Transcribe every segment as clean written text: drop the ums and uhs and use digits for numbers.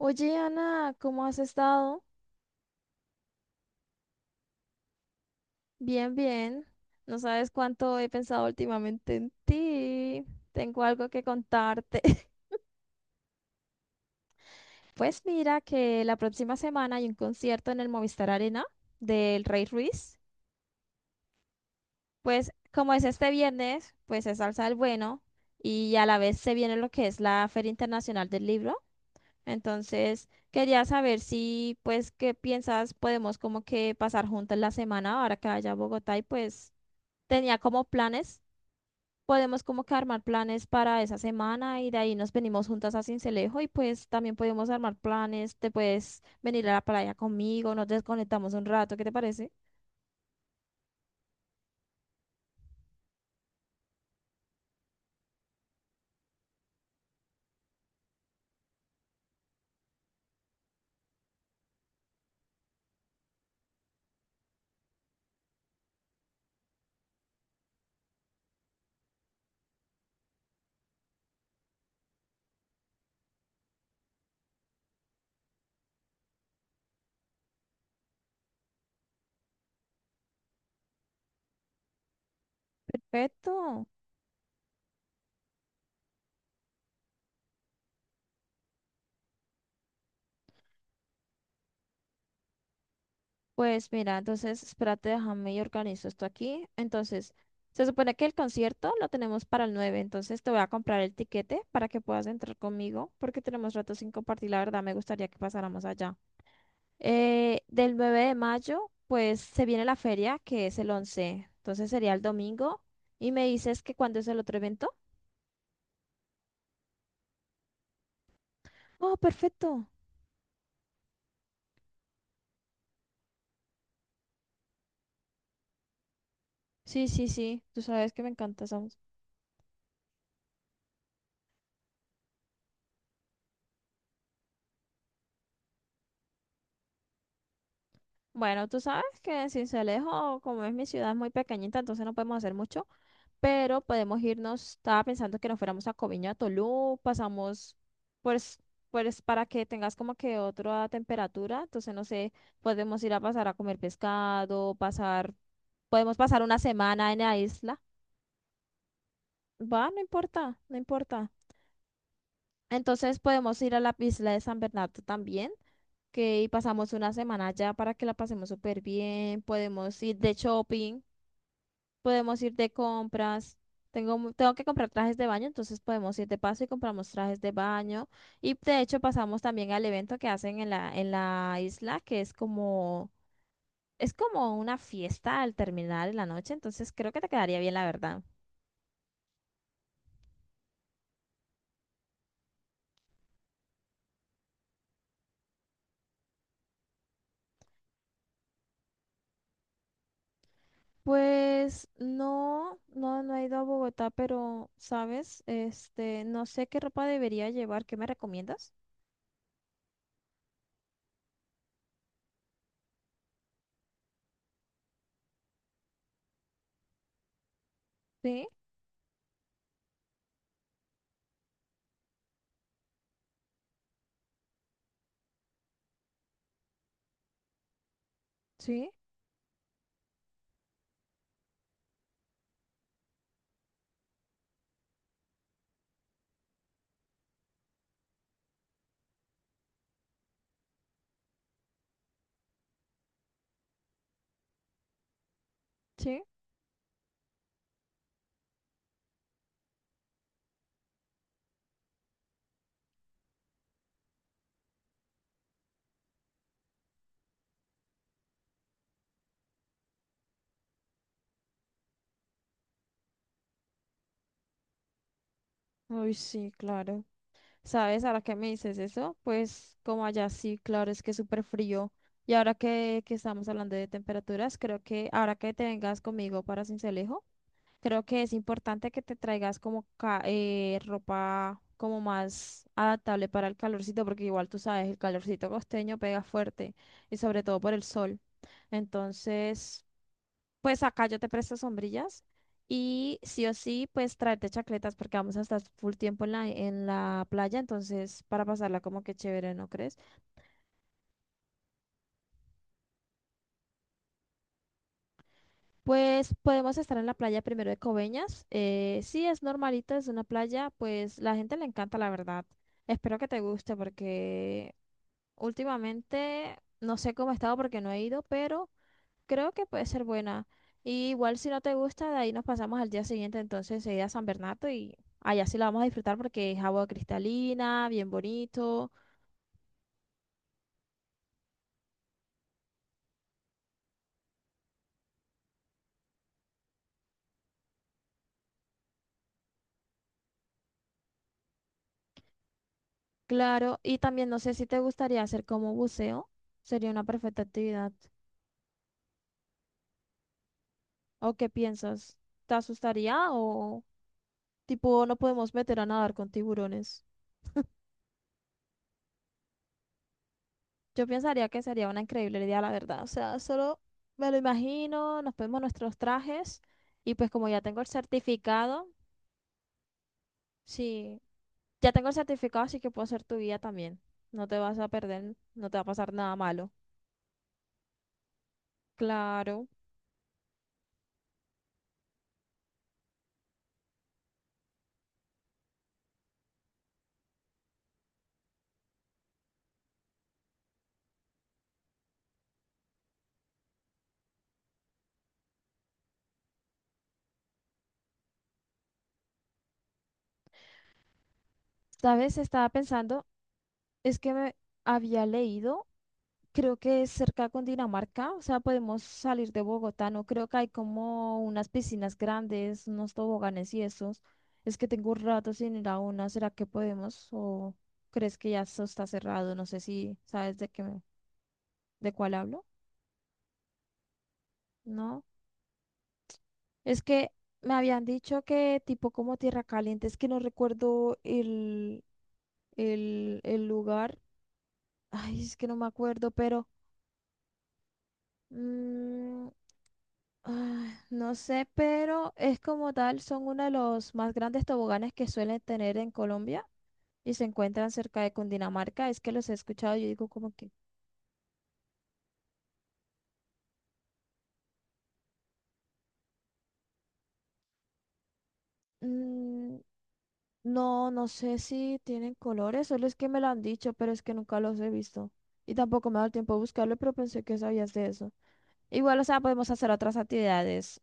Oye, Ana, ¿cómo has estado? Bien, bien. No sabes cuánto he pensado últimamente en ti. Tengo algo que contarte. Pues mira que la próxima semana hay un concierto en el Movistar Arena del Rey Ruiz. Pues como es este viernes, pues es Salsa del Bueno y a la vez se viene lo que es la Feria Internacional del Libro. Entonces quería saber si, pues, ¿qué piensas? Podemos como que pasar juntas la semana ahora que vaya a Bogotá y pues tenía como planes, podemos como que armar planes para esa semana y de ahí nos venimos juntas a Sincelejo y pues también podemos armar planes, te puedes venir a la playa conmigo, nos desconectamos un rato, ¿qué te parece? Perfecto. Pues mira, entonces espérate, déjame y organizo esto aquí. Entonces, se supone que el concierto lo tenemos para el 9, entonces te voy a comprar el tiquete para que puedas entrar conmigo porque tenemos rato sin compartir, la verdad me gustaría que pasáramos allá. Del 9 de mayo, pues se viene la feria, que es el 11, entonces sería el domingo. Y me dices que cuándo es el otro evento. Oh, perfecto. Sí, sí, sí, tú sabes que me encanta Sams. Bueno, tú sabes que en Sincelejo, como es mi ciudad, es muy pequeñita, entonces no podemos hacer mucho. Pero podemos irnos, estaba pensando que nos fuéramos a Coviña, a Tolú, pasamos pues, pues para que tengas como que otra temperatura, entonces no sé, podemos ir a pasar a comer pescado, pasar, podemos pasar una semana en la isla, va, no importa, no importa. Entonces podemos ir a la isla de San Bernardo también, que y pasamos una semana allá para que la pasemos súper bien, podemos ir de shopping. Podemos ir de compras. Tengo, tengo que comprar trajes de baño, entonces podemos ir de paso y compramos trajes de baño. Y de hecho pasamos también al evento que hacen en la isla, que es como una fiesta al terminar en la noche, entonces creo que te quedaría bien, la verdad. Pues no, no, no he ido a Bogotá, pero, ¿sabes? Este, no sé qué ropa debería llevar, ¿qué me recomiendas? Sí, sí, sí. Uy, sí, claro. ¿Sabes? Ahora que me dices eso, pues como allá sí, claro, es que es súper frío. Y ahora que estamos hablando de temperaturas, creo que ahora que te vengas conmigo para Sincelejo, creo que es importante que te traigas como ropa como más adaptable para el calorcito, porque igual tú sabes, el calorcito costeño pega fuerte y sobre todo por el sol. Entonces, pues acá yo te presto sombrillas y sí o sí, pues tráete chacletas porque vamos a estar full tiempo en la playa, entonces para pasarla como que chévere, ¿no crees? Pues podemos estar en la playa primero de Coveñas. Sí, es normalito, es una playa, pues la gente le encanta, la verdad. Espero que te guste porque últimamente no sé cómo he estado porque no he ido, pero creo que puede ser buena. Y igual si no te gusta, de ahí nos pasamos al día siguiente, entonces se irá a San Bernardo y allá sí la vamos a disfrutar porque es agua cristalina, bien bonito, claro. Y también no sé si te gustaría hacer como buceo, sería una perfecta actividad. ¿O qué piensas? ¿Te asustaría o tipo no podemos meter a nadar con tiburones? Yo pensaría que sería una increíble idea, la verdad. O sea, solo me lo imagino, nos ponemos nuestros trajes y pues como ya tengo el certificado. Sí, ya tengo el certificado, así que puedo ser tu guía también. No te vas a perder, no te va a pasar nada malo. Claro. ¿Sabes? Estaba pensando, es que me había leído, creo que es cerca con Dinamarca, o sea, podemos salir de Bogotá, no creo que hay como unas piscinas grandes, unos toboganes y esos. Es que tengo un rato sin ir a una, ¿será que podemos? ¿O crees que ya eso está cerrado? No sé si sabes de qué, de cuál hablo. No. Es que me habían dicho que tipo como Tierra Caliente, es que no recuerdo el lugar. Ay, es que no me acuerdo, pero mm, no sé, pero es como tal, son uno de los más grandes toboganes que suelen tener en Colombia y se encuentran cerca de Cundinamarca. Es que los he escuchado, yo digo como que mm, no, no sé si tienen colores, solo es que me lo han dicho, pero es que nunca los he visto. Y tampoco me ha dado tiempo de buscarlo, pero pensé que sabías de eso. Igual, o sea, podemos hacer otras actividades.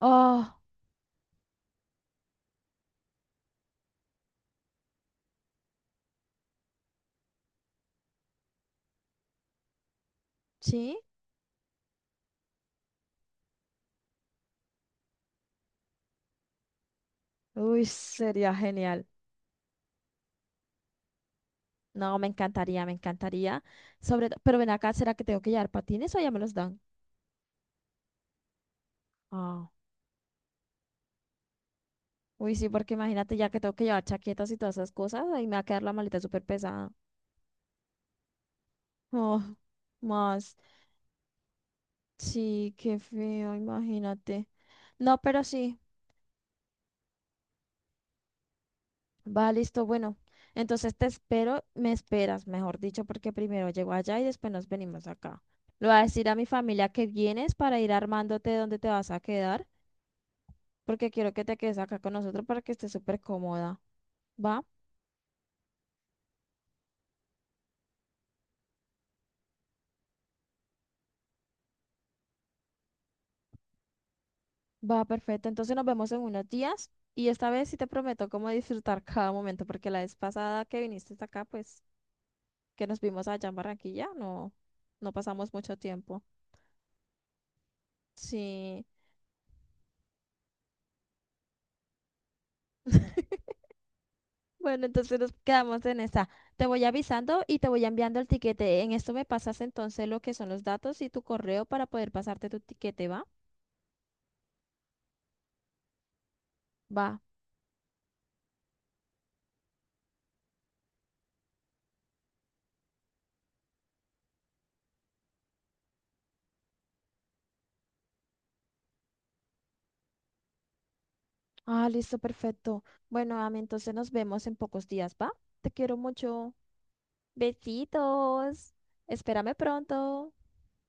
Oh, ¿sí? Uy, sería genial. No, me encantaría, me encantaría. Pero ven acá, ¿será que tengo que llevar patines o ya me los dan? Ah, uy, sí, porque imagínate ya que tengo que llevar chaquetas y todas esas cosas, ahí me va a quedar la maleta súper pesada. Oh, más. Sí, qué feo, imagínate. No, pero sí. Va, listo, bueno. Entonces te espero, me esperas, mejor dicho, porque primero llego allá y después nos venimos acá. Le voy a decir a mi familia que vienes para ir armándote dónde te vas a quedar, porque quiero que te quedes acá con nosotros para que estés súper cómoda. Va, va, perfecto. Entonces nos vemos en unos días y esta vez sí te prometo cómo disfrutar cada momento, porque la vez pasada que viniste hasta acá, pues que nos vimos allá en Barranquilla, no, no pasamos mucho tiempo. Sí. Bueno, entonces nos quedamos en esa. Te voy avisando y te voy enviando el tiquete. En esto me pasas entonces lo que son los datos y tu correo para poder pasarte tu tiquete, ¿va? Va. Ah, listo, perfecto. Bueno, Ami, entonces nos vemos en pocos días, ¿va? Te quiero mucho. Besitos. Espérame pronto.